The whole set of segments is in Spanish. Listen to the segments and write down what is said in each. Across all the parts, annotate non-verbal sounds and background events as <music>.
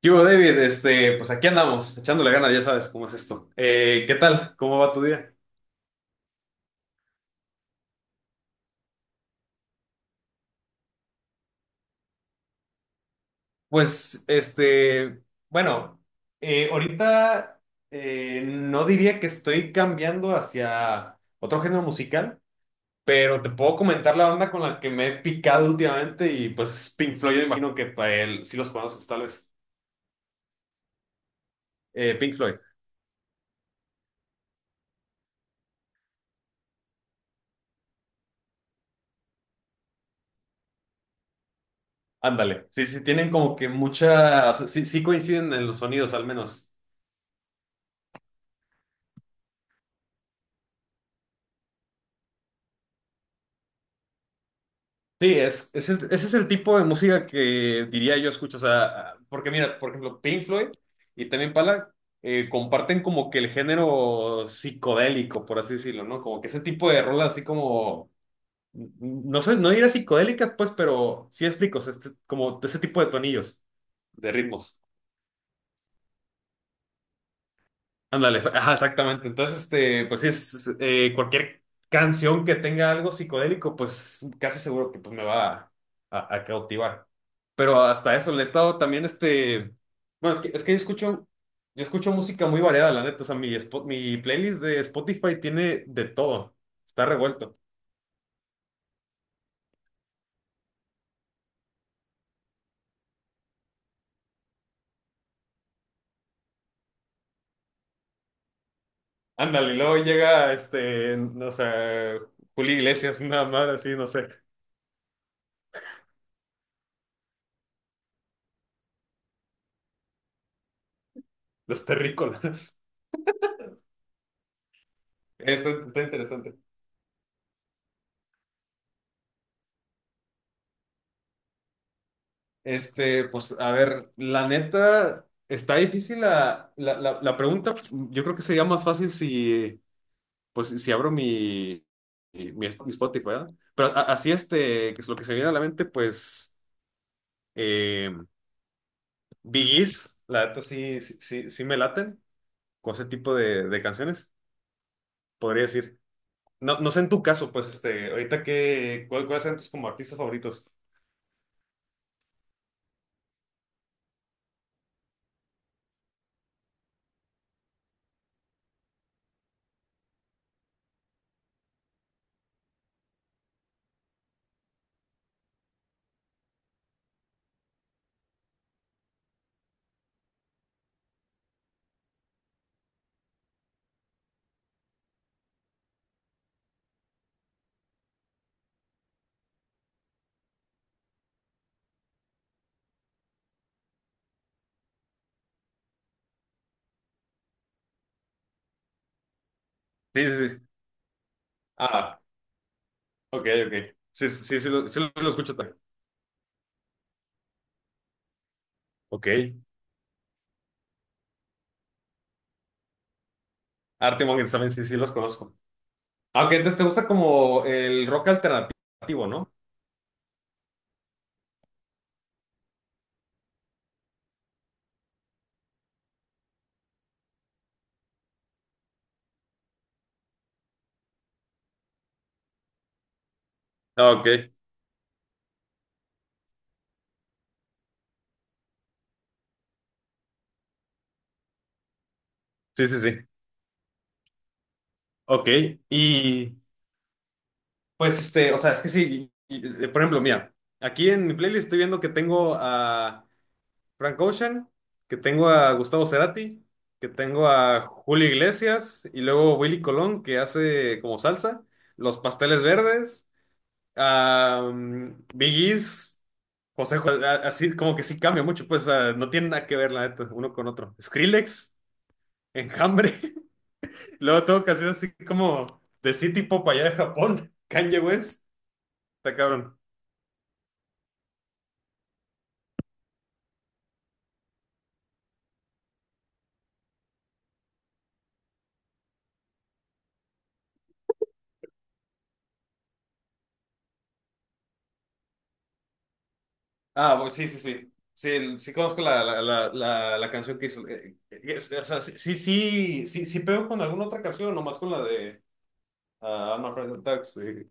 ¿Qué hubo, David? Pues aquí andamos, echándole ganas, ya sabes cómo es esto. ¿Qué tal? ¿Cómo va tu día? Pues, este, bueno, ahorita no diría que estoy cambiando hacia otro género musical, pero te puedo comentar la banda con la que me he picado últimamente y pues Pink Floyd, yo imagino que para él sí los conoces tal vez. Pink Floyd, ándale. Sí, sí, tienen como que mucha, sí, sí coinciden en los sonidos al menos. Sí, es ese es el tipo de música que diría yo escucho. O sea, porque mira, por ejemplo, Pink Floyd y también Pala comparten como que el género psicodélico, por así decirlo, ¿no? Como que ese tipo de rolas así como, no sé, no diría psicodélicas, pues, pero sí explico, o sea, como ese tipo de tonillos, de ritmos. Ándale, ajá, exactamente. Entonces, pues sí, cualquier canción que tenga algo psicodélico, pues casi seguro que pues, me va a cautivar. Pero hasta eso, le he estado también, bueno, es que yo escucho música muy variada, la neta. O sea, mi playlist de Spotify tiene de todo, está revuelto. Ándale, y luego llega, no sé, Julio Iglesias, <laughs> nada más, así, no sé, los terrícolas. <laughs> Está, está interesante. Pues a ver, la neta, está difícil la pregunta. Yo creo que sería más fácil si, pues, si abro mi Spotify, ¿verdad? Pero así, que es lo que se viene a la mente, pues, eh, Bee Gees, la neta sí me laten con ese tipo de canciones, podría decir. No, no sé en tu caso, pues, ahorita que, ¿cuáles son tus como artistas favoritos? Sí, sí, sí. Ah, ok, ok. Sí, sí, sí, sí lo escucho también. Ok. Arctic Monkeys también, sí, sí los conozco. Aunque entonces te gusta como el rock alternativo, ¿no? Ah, ok, sí, sí, sí. Ok, y pues o sea, es que sí, por ejemplo, mira, aquí en mi playlist estoy viendo que tengo a Frank Ocean, que tengo a Gustavo Cerati, que tengo a Julio Iglesias y luego Willy Colón, que hace como salsa, Los Pasteles Verdes. Biggie's, José, así como que sí cambia mucho, pues o sea, no tiene nada que ver, la neta, uno con otro. Skrillex, Enjambre, <laughs> luego todo casi así como de City Pop allá de Japón, <laughs> Kanye West, está cabrón. Ah, bueno, sí, sí, sí. Sí, sí conozco la canción que hizo. O sea, sí, sí, sí, sí, sí pego con alguna otra canción, nomás con la de ah, I'm Afraid of Dogs, sí.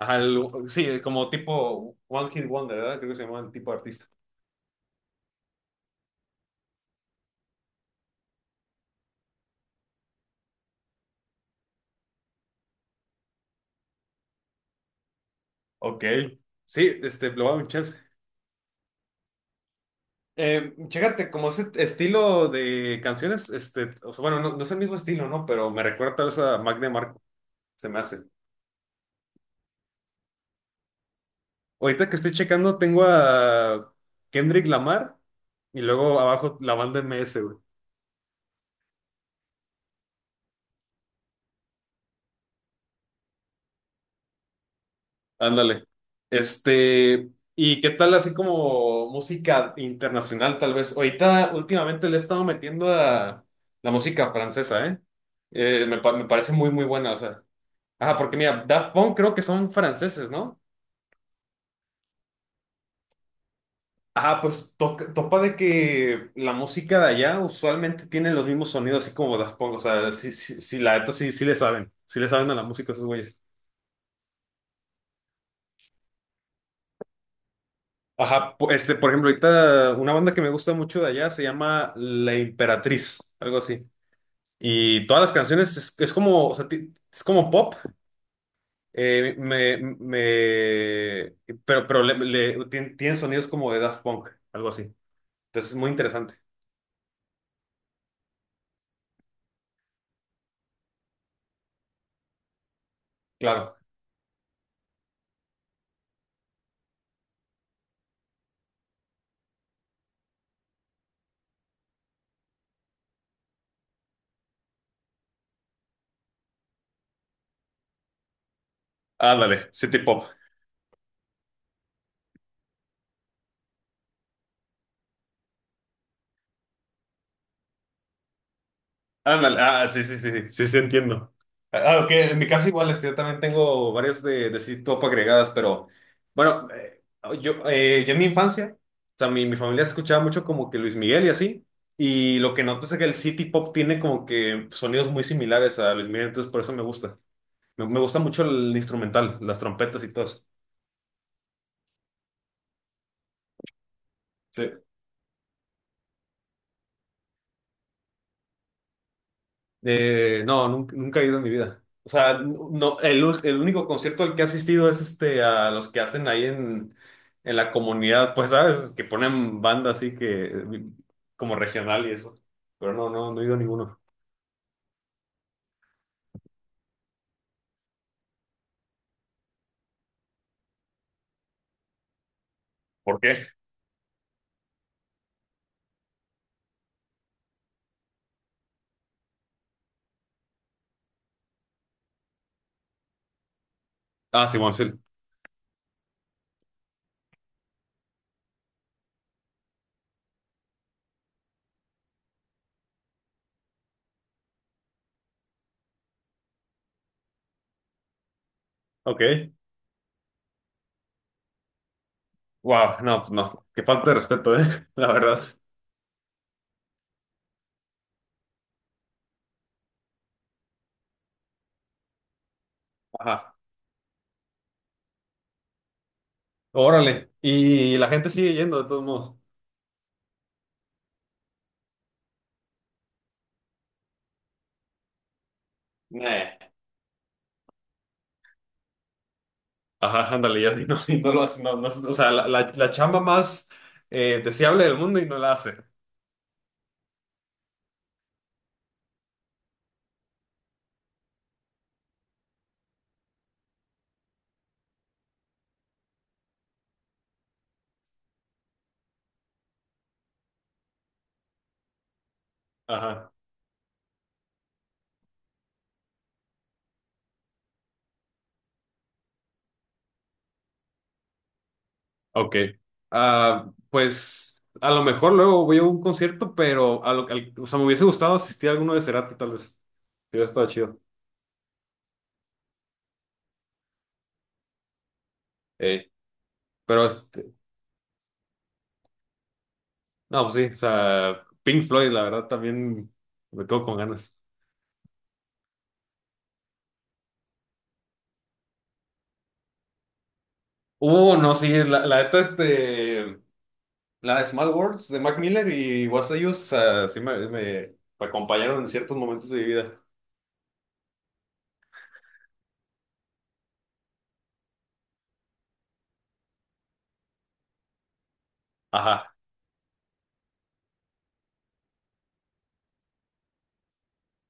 Ajá, sí, como tipo One Hit Wonder, ¿verdad? Creo que se llama el tipo de artista. Ok. Sí, lo voy a dar un chance. Chécate, como ese estilo de canciones, o sea, bueno, no, no es el mismo estilo, ¿no? Pero me recuerda tal vez a Mac DeMarco, se me hace. Ahorita que estoy checando, tengo a Kendrick Lamar y luego abajo la banda M S güey. Ándale. Este, ¿Y qué tal así como música internacional, tal vez? Ahorita, últimamente le he estado metiendo a la música francesa, ¿eh? Me parece muy, muy buena, o sea. Ajá, porque mira, Daft Punk creo que son franceses, ¿no? Ajá, pues topa de que la música de allá usualmente tiene los mismos sonidos, así como Daft Punk. O sea, sí, sí, sí, la neta sí, sí le saben. Sí le saben a la música esos güeyes. Ajá, por ejemplo, ahorita una banda que me gusta mucho de allá se llama La Imperatriz, algo así. Y todas las canciones es como, o sea, es como pop, eh, me, me, pero, tienen sonidos como de Daft Punk, algo así. Entonces es muy interesante. Claro. Ándale, City Pop. Ándale, ah, sí, sí, sí, sí, sí, sí, entiendo. Ah, ok, en mi caso igual, yo también tengo varias de City Pop agregadas, pero bueno, yo en mi infancia, o sea, mi familia escuchaba mucho como que Luis Miguel y así, y lo que noto es que el City Pop tiene como que sonidos muy similares a Luis Miguel, entonces por eso me gusta. Me gusta mucho el instrumental, las trompetas y todo eso. No, nunca, nunca he ido en mi vida. O sea, no, el único concierto al que he asistido es este a los que hacen ahí en la comunidad, pues, ¿sabes? Que ponen banda así que como regional y eso. Pero no, no, no he ido a ninguno. ¿Por qué? Ah, Simón, sí. Ok. Wow, no, pues no. Qué falta de respeto, ¿eh? <laughs> La verdad. Ajá. Órale. Y la gente sigue yendo, de todos modos. Nah. Ajá, ándale, ya <laughs> y no lo hace, no, no, o sea, la chamba más deseable del mundo y no la hace. Ajá, ok. Ah, pues a lo mejor luego voy a un concierto, pero o sea, me hubiese gustado asistir a alguno de Cerati, tal vez. Sí, hubiera estado chido. Eh, pero no, pues sí, o sea, Pink Floyd, la verdad, también me quedo con ganas. No, sí, la neta, la de Small Worlds de Mac Miller y Was I Us, ah, sí me acompañaron en ciertos momentos de mi vida. Ajá.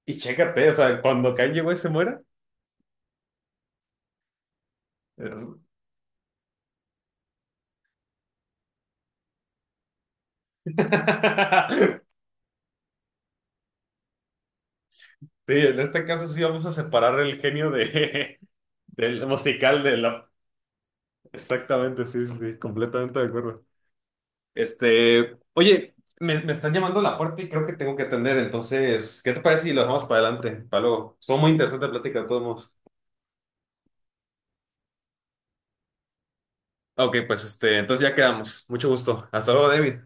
Y chécate, o sea, cuando Kanye West se muera. <laughs> Sí, en este caso sí vamos a separar el genio de, <laughs> del musical de la... Exactamente, sí, sí, sí, completamente de acuerdo. Oye, me están llamando a la puerta y creo que tengo que atender, entonces, ¿qué te parece si lo dejamos para adelante, para luego? Estuvo muy interesante la plática de todos modos. Ok, pues entonces ya quedamos. Mucho gusto. Hasta luego, David.